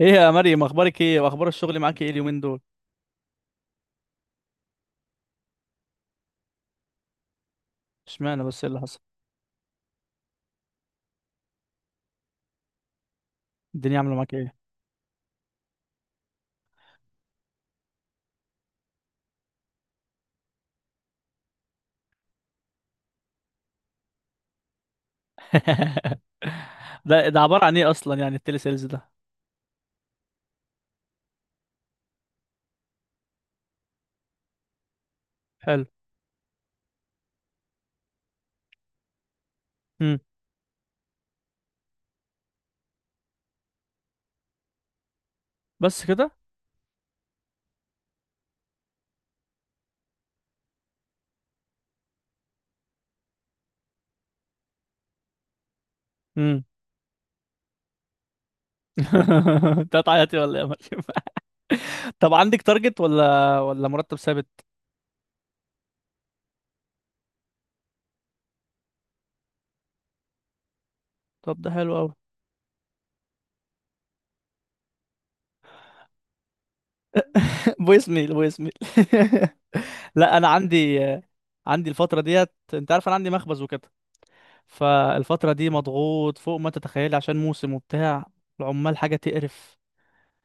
ايه يا مريم؟ اخبارك ايه واخبار الشغل معاك ايه اليومين دول؟ اشمعنى؟ بس ايه اللي حصل؟ الدنيا عامله معاك ايه؟ ده عباره عن ايه اصلا؟ يعني التلي سيلز ده. حلو. امم بس كده؟ امم انت هتعيطي ولا ايه يا مريم؟ طب عندك تارجت ولا مرتب ثابت؟ طب ده حلو قوي. فويس ميل فويس ميل. لا انا عندي، عندي الفتره ديت، انت عارف انا عندي مخبز وكده. فالفتره دي مضغوط فوق ما تتخيلي، عشان موسم وبتاع. العمال حاجه تقرف.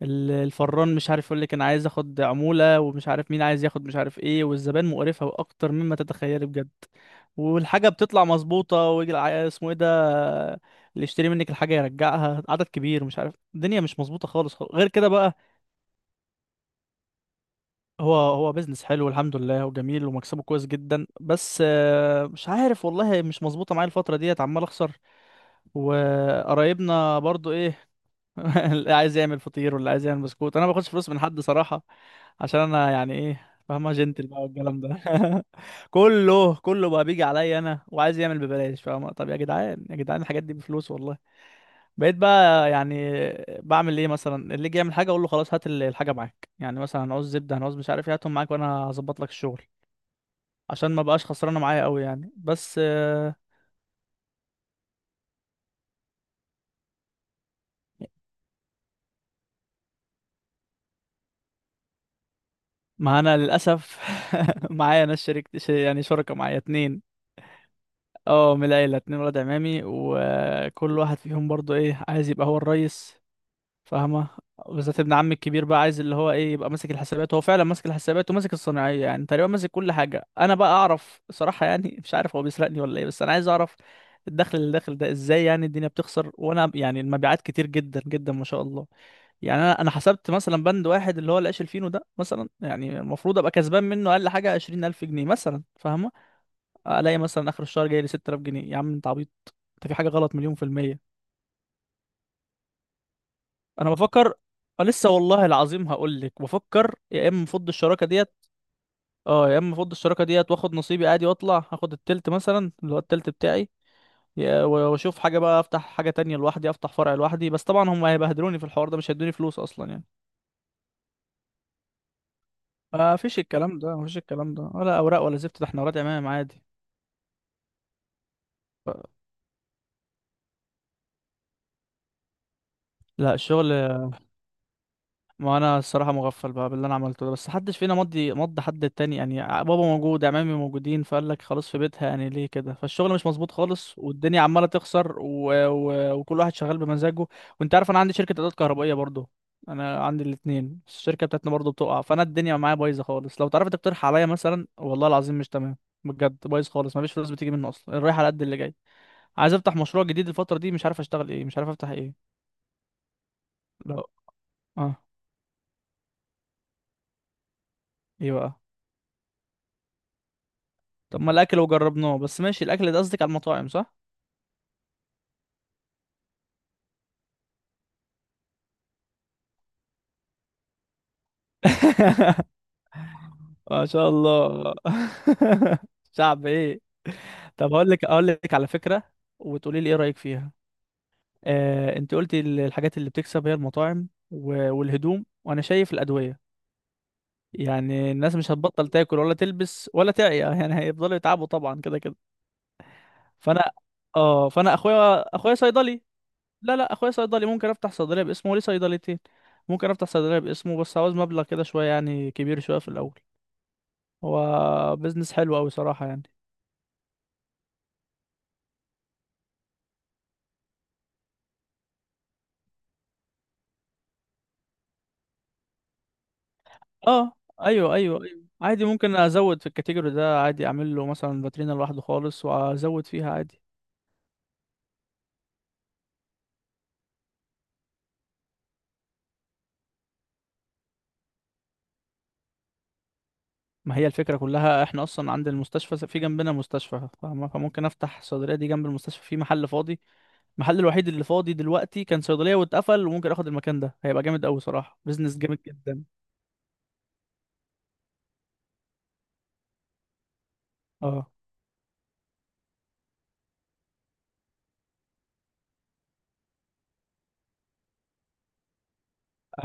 الفران مش عارف، يقول لك انا عايز اخد عمولة، ومش عارف مين عايز ياخد، مش عارف ايه. والزبائن مقرفة واكتر مما تتخيلي بجد. والحاجة بتطلع مظبوطة، ويجي اسمه ايه ده، اللي يشتري منك الحاجة يرجعها عدد كبير. مش عارف، الدنيا مش مظبوطة خالص خالص غير كده بقى. هو بيزنس حلو الحمد لله، وجميل ومكسبه كويس جدا، بس مش عارف والله، مش مظبوطة معايا الفترة ديت، عمال اخسر. وقرايبنا برضو ايه؟ اللي عايز يعمل فطير واللي عايز يعمل بسكوت، انا ما باخدش فلوس من حد صراحه، عشان انا يعني ايه، فاهمها جنتل بقى والكلام ده. كله كله بقى بيجي عليا انا وعايز يعمل ببلاش. فاهم؟ طب يا جدعان يا جدعان الحاجات دي بفلوس والله. بقيت بقى يعني بعمل ايه؟ مثلا اللي يجي يعمل حاجه، اقول له خلاص هات الحاجه معاك، يعني مثلا هنعوز زبده، هنعوز مش عارف ايه، هاتهم معاك وانا هظبط لك الشغل، عشان ما بقاش خسرانه معايا قوي يعني، بس ما انا للاسف معايا ناس، شريك يعني شركه، معايا اتنين، اه من العيلة اتنين ولاد عمامي، وكل واحد فيهم برضو ايه، عايز يبقى هو الريس. فاهمة؟ بالذات ابن عمي الكبير بقى عايز اللي هو ايه، يبقى ماسك الحسابات. هو فعلا ماسك الحسابات وماسك الصناعية، يعني تقريبا ماسك كل حاجة. انا بقى اعرف صراحة يعني، مش عارف هو بيسرقني ولا ايه، بس انا عايز اعرف الدخل اللي داخل ده ازاي. يعني الدنيا بتخسر، وانا يعني المبيعات كتير جدا جدا ما شاء الله. يعني انا حسبت مثلا بند واحد اللي هو العيش الفينو ده مثلا، يعني المفروض ابقى كسبان منه اقل حاجة 20000 جنيه مثلا، فاهمة؟ الاقي مثلا اخر الشهر جاي لي 6000 جنيه. يا عم انت عبيط، انت في حاجه غلط مليون في الميه. انا بفكر، لسه والله العظيم، هقول لك بفكر، يا اما افض الشراكه ديت. اه يا اما افض الشراكه ديت واخد نصيبي عادي واطلع، هاخد التلت مثلا اللي هو التلت بتاعي. واشوف حاجه بقى، افتح حاجه تانية لوحدي، افتح فرع لوحدي. بس طبعا هم هيبهدلوني في الحوار ده، مش هيدوني فلوس اصلا يعني. ما فيش الكلام ده، ما فيش الكلام ده، ولا اوراق ولا زفت. ده احنا ورقة عمام عادي. لا الشغل، ما انا الصراحه مغفل بقى باللي انا عملته ده، بس محدش فينا مضى حد التاني يعني. بابا موجود، عمامي موجودين، فقال لك خلاص في بيتها يعني، ليه كده؟ فالشغل مش مظبوط خالص، والدنيا عماله تخسر، وكل واحد شغال بمزاجه. وانت عارف انا عندي شركه ادوات كهربائيه برضو. انا عندي الاتنين، بس الشركه بتاعتنا برضو بتقع، فانا الدنيا معايا بايظه خالص. لو تعرف تقترح عليا مثلا، والله العظيم مش تمام. بجد بايظ خالص، مفيش فلوس بتيجي منه اصلا، الرايح على قد اللي جاي. عايز افتح مشروع جديد الفتره دي، مش عارف اشتغل ايه، مش عارف افتح ايه. لا. اه. ايه بقى؟ طب ما الاكل وجربناه، بس ماشي. الاكل ده قصدك على المطاعم صح؟ ما شاء الله. شعب ايه؟ طب هقول لك، اقول لك على فكره، وتقولي لي ايه رايك فيها. انت قلتي الحاجات اللي بتكسب هي المطاعم والهدوم، وانا شايف الادويه. يعني الناس مش هتبطل تاكل ولا تلبس ولا تعيا، يعني هيفضلوا يتعبوا طبعا كده كده. فانا اه، فانا اخويا صيدلي. لا لا، اخويا صيدلي، ممكن افتح صيدليه باسمه وليه صيدليتين. ممكن افتح صيدليه باسمه، بس عاوز مبلغ كده شويه يعني، كبير شويه في الاول. هو بيزنس حلو قوي صراحه يعني. اه، ايوه ايوه ايوه، عادي ممكن ازود في الكاتيجوري ده عادي، اعمل له مثلا فاترينا لوحده خالص وازود فيها عادي. ما هي الفكره كلها، احنا اصلا عند المستشفى، في جنبنا مستشفى، فاهمة؟ فممكن افتح الصيدليه دي جنب المستشفى في محل فاضي. المحل الوحيد اللي فاضي دلوقتي كان صيدليه واتقفل، وممكن اخد المكان ده. هيبقى جامد قوي صراحه، بيزنس جامد جدا. اه.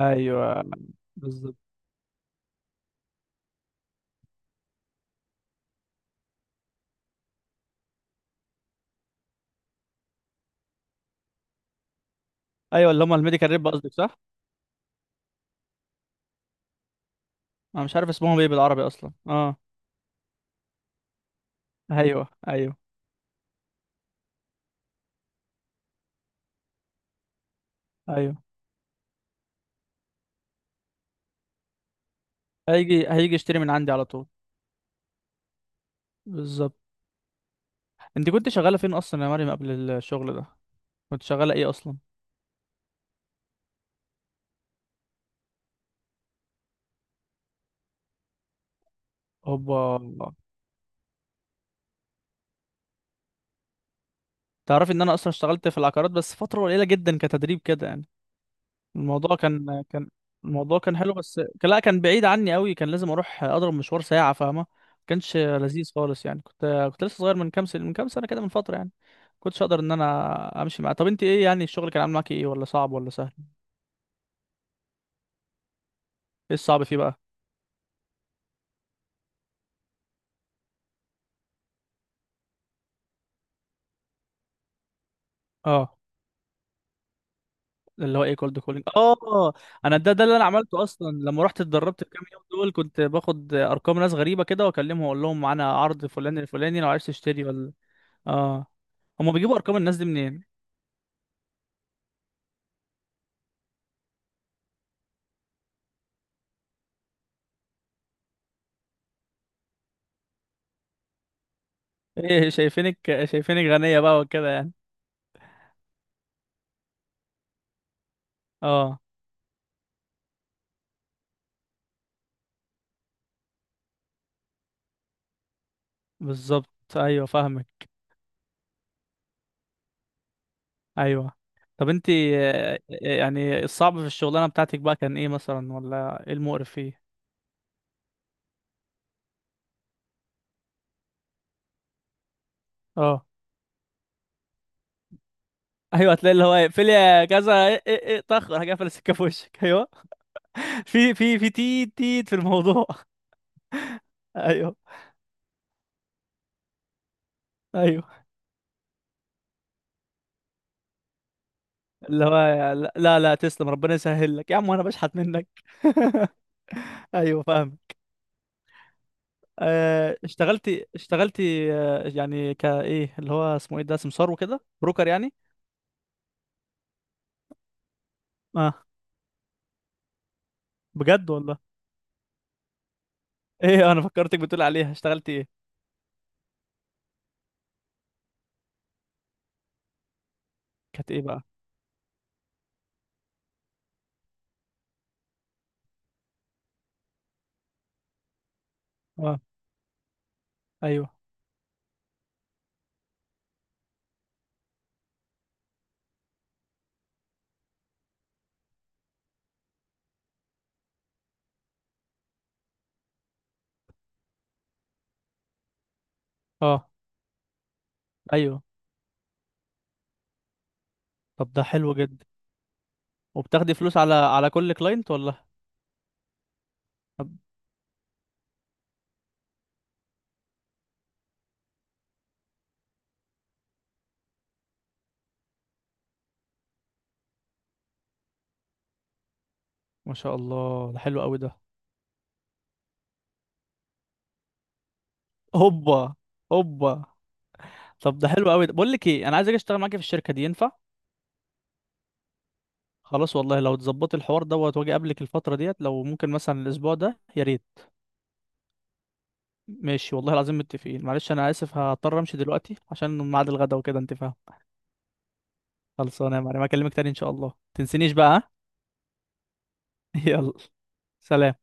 ايوه بالظبط. ايوه اللي هم الميديكال ريب قصدك صح؟ انا مش عارف اسمهم ايه بالعربي اصلا، اه. ايوه ايوه ايوه. هيجي هيجي يشتري من عندي على طول. بالظبط. انت كنت شغاله فين اصلا يا مريم قبل الشغل ده؟ كنت شغاله ايه اصلا؟ هوبا. تعرفي ان انا اصلا اشتغلت في العقارات، بس فتره قليله جدا كتدريب كده يعني. الموضوع كان، الموضوع كان حلو، بس كان، لا كان بعيد عني قوي، كان لازم اروح اضرب مشوار ساعة، فاهمة؟ ما كانش لذيذ خالص يعني، كنت لسه صغير، من كام سنة كده، من فترة يعني. كنتش اقدر ان انا امشي معاه. طب انت ايه، يعني الشغل كان عامل معاكي ايه، ولا صعب ولا سهل؟ ايه الصعب فيه بقى؟ اه. اللي هو ايه كولد كولينج، اه. انا ده اللي انا عملته اصلا لما رحت اتدربت الكام يوم دول. كنت باخد ارقام ناس غريبه كده واكلمهم واقول لهم معانا عرض فلان الفلاني لو عايز تشتري ولا. اه. هما بيجيبوا ارقام الناس دي منين؟ ايه شايفينك، شايفينك غنية بقى وكده يعني. اه بالظبط. ايوه فاهمك. ايوه. طب انت يعني الصعب في الشغلانة بتاعتك بقى كان ايه مثلا، ولا ايه المقرف فيه؟ اه. ايوه، هتلاقي اللي هو اقفل، يا كذا، إيه إيه إيه، طخ راح جاي قافل السكة في وشك، ايوه. في تيت تيت في الموضوع. ايوه ايوه اللي هو، لا لا لا، تسلم ربنا يسهل لك يا عم، وانا بشحت منك. ايوه فاهمك. اشتغلتي يعني كايه اللي هو اسمه ايه ده، سمسار وكده، بروكر يعني. اه بجد والله. ايه، انا فكرتك بتقول عليها اشتغلتي ايه. كانت ايه بقى؟ اه. ايوه. اه. ايوه. طب ده حلو جدا. وبتاخدي فلوس على كل كلاينت ولا؟ طب ما شاء الله ده حلو قوي ده. هوبا. هوبا. طب ده حلو قوي ده. بقول لك ايه، انا عايز اجي اشتغل معاكي في الشركه دي، ينفع؟ خلاص والله، لو تظبطي الحوار دوت واجي قبلك الفتره ديت، لو ممكن مثلا الاسبوع ده يا ريت. ماشي والله العظيم متفقين، معلش انا اسف هضطر امشي دلوقتي عشان ميعاد الغدا وكده، انت فاهم. خلصانه يا معلم، اكلمك تاني ان شاء الله، تنسينيش بقى ها؟ يلا، سلام.